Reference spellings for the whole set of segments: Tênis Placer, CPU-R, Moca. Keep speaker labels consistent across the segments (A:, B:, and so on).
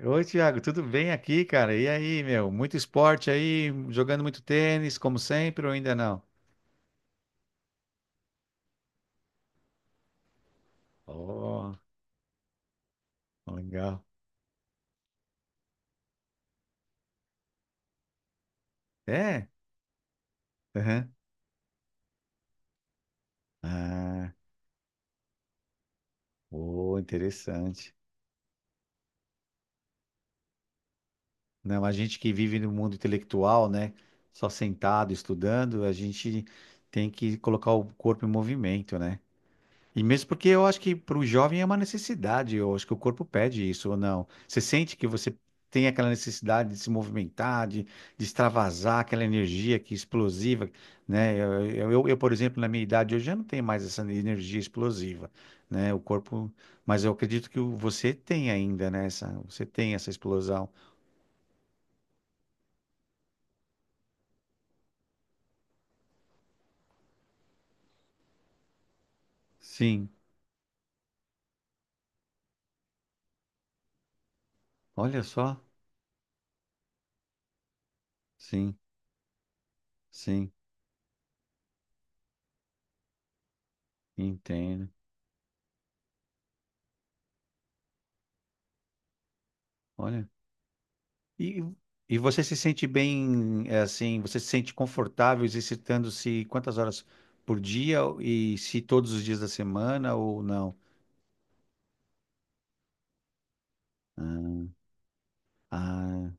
A: Oi, Thiago, tudo bem aqui, cara? E aí, meu? Muito esporte aí, jogando muito tênis, como sempre, ou ainda não? Oh, legal. É? Aham. Ah, oh, interessante. Não, a gente que vive no mundo intelectual, né? Só sentado, estudando, a gente tem que colocar o corpo em movimento, né? E mesmo porque eu acho que para o jovem é uma necessidade, eu acho que o corpo pede isso ou não. Você sente que você tem aquela necessidade de se movimentar, de extravasar aquela energia que é explosiva, né? Eu, por exemplo, na minha idade hoje já não tenho mais essa energia explosiva, né? O corpo, mas eu acredito que você tem ainda, né? Você tem essa explosão. Sim, olha só. Sim, sim, entendo. Olha. E, e você se sente bem, é, assim, você se sente confortável exercitando-se quantas horas por dia e se todos os dias da semana ou não? Ah, ah,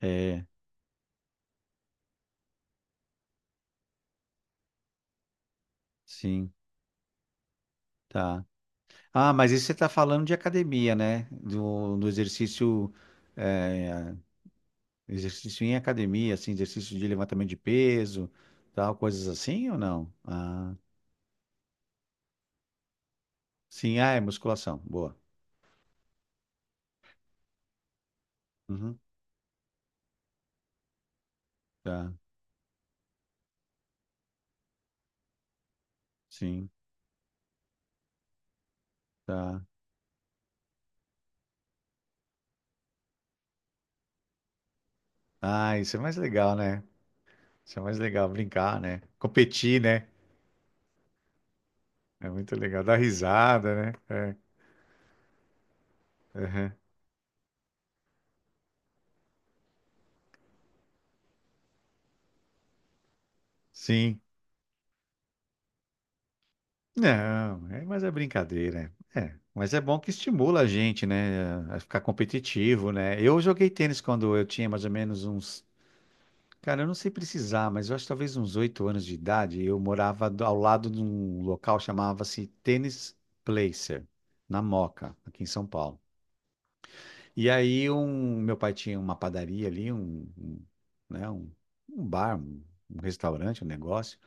A: é, sim, tá. Ah, mas isso você está falando de academia, né? Do exercício, é, exercício em academia, assim, exercício de levantamento de peso, tal, coisas assim ou não? Ah, sim, ah, é musculação, boa. Uhum, tá, sim, tá. Ah, isso é mais legal, né? Isso é mais legal, brincar, né? Competir, né? É muito legal, dar risada, né? Aham. Sim. Não, é, mas é brincadeira. É, mas é bom que estimula a gente, né? A ficar competitivo, né? Eu joguei tênis quando eu tinha mais ou menos uns. Cara, eu não sei precisar, mas eu acho que talvez uns 8 anos de idade. Eu morava ao lado de um local chamava-se Tênis Placer, na Moca, aqui em São Paulo. E aí meu pai tinha uma padaria ali, um, né, um bar, um restaurante, um negócio,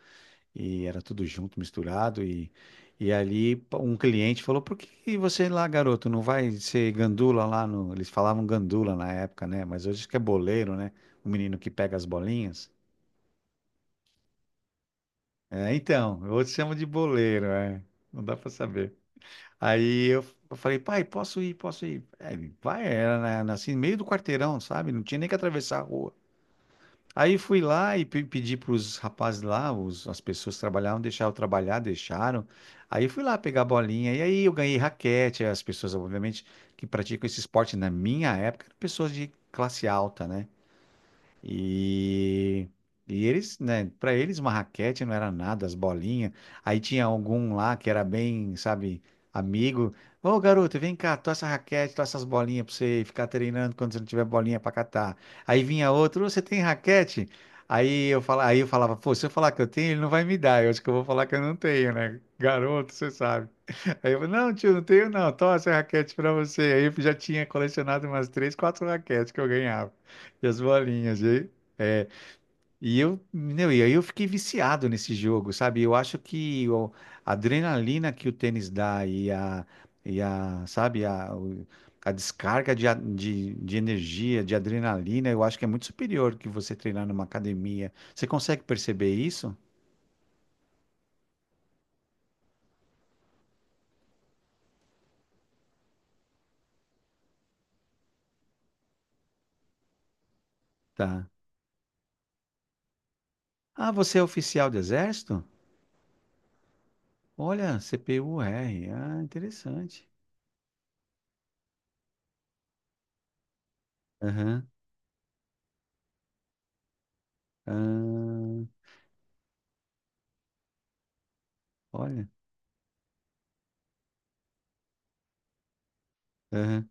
A: e era tudo junto, misturado, e ali um cliente falou, por que que você lá, garoto, não vai ser gandula lá no... Eles falavam gandula na época, né? Mas hoje que é boleiro, né? O menino que pega as bolinhas. É, então, outros chamam de boleiro, é. Não dá pra saber. Aí eu falei, pai, posso ir, posso ir. É, ele, vai, era assim, meio do quarteirão, sabe? Não tinha nem que atravessar a rua. Aí fui lá e pedi para os rapazes lá, as pessoas que trabalhavam, deixaram eu trabalhar, deixaram. Aí fui lá pegar a bolinha, e aí eu ganhei raquete. As pessoas, obviamente, que praticam esse esporte na minha época, eram pessoas de classe alta, né? E, e eles, né, para eles uma raquete não era nada, as bolinhas. Aí tinha algum lá que era bem, sabe, amigo. Ô, garoto, vem cá, tô essa raquete, tô essas bolinhas pra você ficar treinando quando você não tiver bolinha pra catar. Aí vinha outro, "Ô, você tem raquete? Aí eu falava, pô, se eu falar que eu tenho, ele não vai me dar. Eu acho que eu vou falar que eu não tenho, né? Garoto, você sabe. Aí eu falei, não, tio, não tenho não, toma essa raquete pra você. Aí eu já tinha colecionado umas três, quatro raquetes que eu ganhava. E as bolinhas, é, e aí eu fiquei viciado nesse jogo, sabe? Eu acho que a adrenalina que o tênis dá sabe, a descarga de energia, de adrenalina, eu acho que é muito superior que você treinar numa academia. Você consegue perceber isso? Tá. Ah, você é oficial do exército? Olha, CPU-R. Ah, interessante. Aham. Ah, olha. Aham.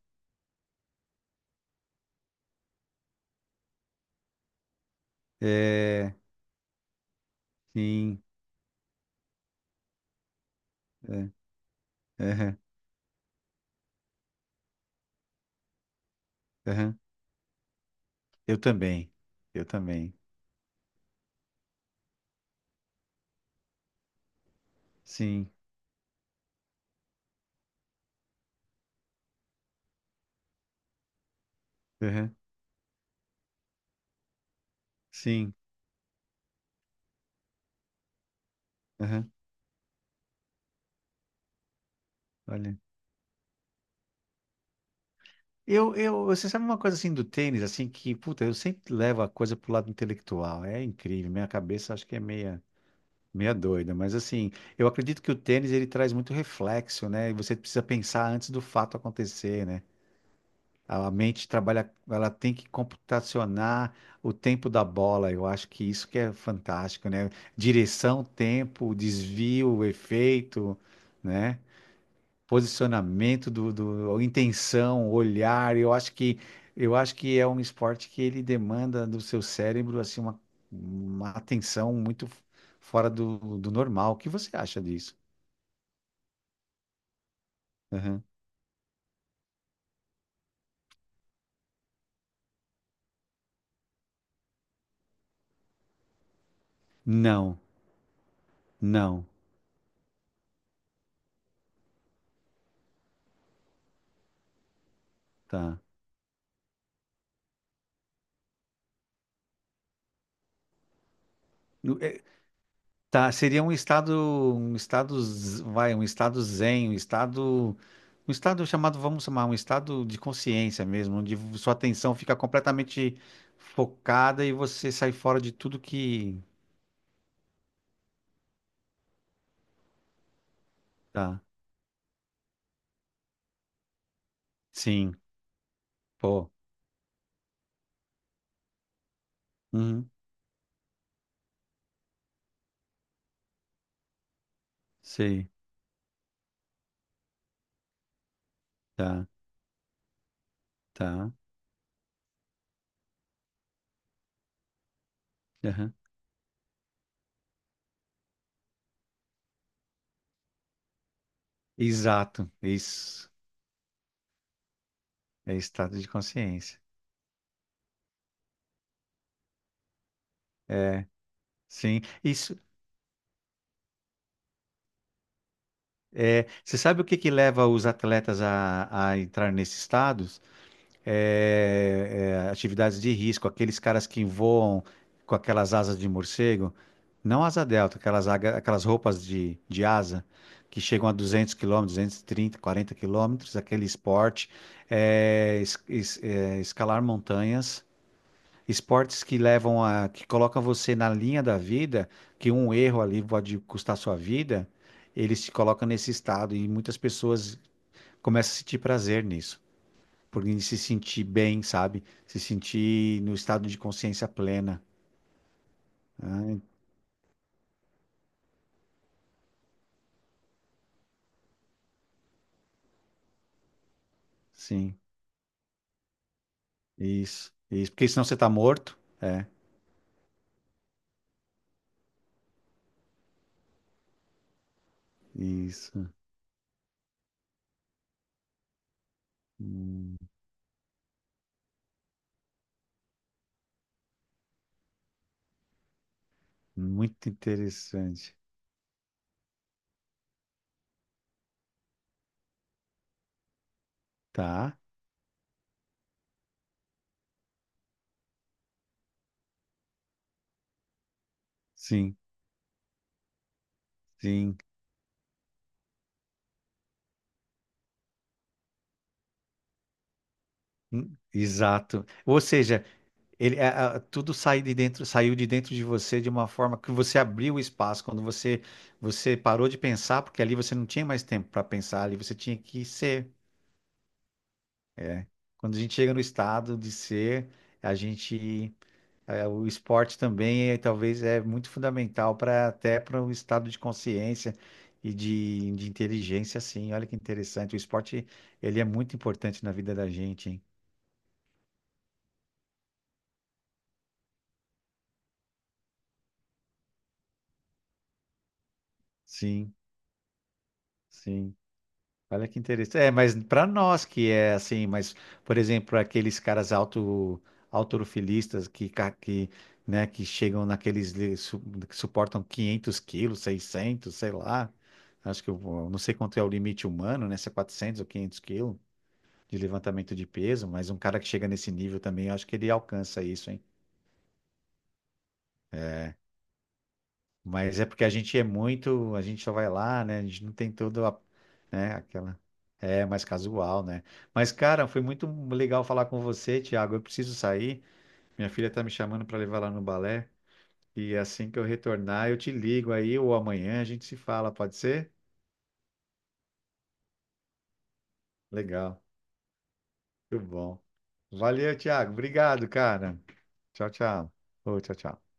A: É, sim. É, aham, aham. Eu também. Eu também. Sim. Aham. Sim. Aham. Olha. Eu, você sabe uma coisa assim do tênis, assim, que, puta, eu sempre levo a coisa pro lado intelectual. É incrível. Minha cabeça acho que é meia, meia doida. Mas assim, eu acredito que o tênis ele traz muito reflexo, né? E você precisa pensar antes do fato acontecer, né? A mente trabalha, ela tem que computacionar o tempo da bola. Eu acho que isso que é fantástico, né? Direção, tempo, desvio, efeito, né? Posicionamento do, intenção, olhar. Eu acho que é um esporte que ele demanda do seu cérebro assim uma atenção muito fora do normal. O que você acha disso? Aham. Não, não, tá. Tá, seria um estado zen, um estado chamado, vamos chamar, um estado de consciência mesmo, onde sua atenção fica completamente focada e você sai fora de tudo que, tá, sim, pô, uhum, sei, tá, tá, aham. Exato, isso, é estado de consciência, é, sim, isso, você sabe o que que leva os atletas a entrar nesse estado? Atividades de risco, aqueles caras que voam com aquelas asas de morcego, não asa delta, aquelas roupas de asa que chegam a 200 quilômetros, 230, 40 quilômetros, aquele esporte, escalar montanhas, esportes que levam a, que colocam você na linha da vida, que um erro ali pode custar sua vida, eles te colocam nesse estado e muitas pessoas começam a sentir prazer nisso. Porque se sentir bem, sabe? Se sentir no estado de consciência plena. Ai, sim, isso, isso. Porque senão você tá morto. É, isso. Hum, muito interessante. Tá? Sim, sim. Exato. Ou seja, tudo sai de dentro, saiu de dentro de você de uma forma que você abriu o espaço. Quando você parou de pensar, porque ali você não tinha mais tempo para pensar, ali você tinha que ser. Quando a gente chega no estado de ser, a gente. É, o esporte também é, talvez é muito fundamental para até para o estado de consciência e de inteligência, assim. Olha que interessante. O esporte ele é muito importante na vida da gente, hein? Sim, sim. Olha que interessante. É, mas para nós que é assim, mas por exemplo aqueles caras autorofilistas que chegam naqueles que suportam 500 quilos, 600 sei lá. Acho que não sei quanto é o limite humano, né? Se é 400 ou 500 quilos. De levantamento de peso, mas um cara que chega nesse nível também, eu acho que ele alcança isso, hein? É, mas é porque a gente é muito, a gente só vai lá, né? A gente não tem todo a, né, aquela é mais casual, né? Mas cara, foi muito legal falar com você, Thiago. Eu preciso sair. Minha filha tá me chamando para levar lá no balé e assim que eu retornar, eu te ligo aí ou amanhã a gente se fala, pode ser? Legal. Muito bom. Valeu, Thiago. Obrigado, cara. Tchau, tchau. Ô, tchau, tchau.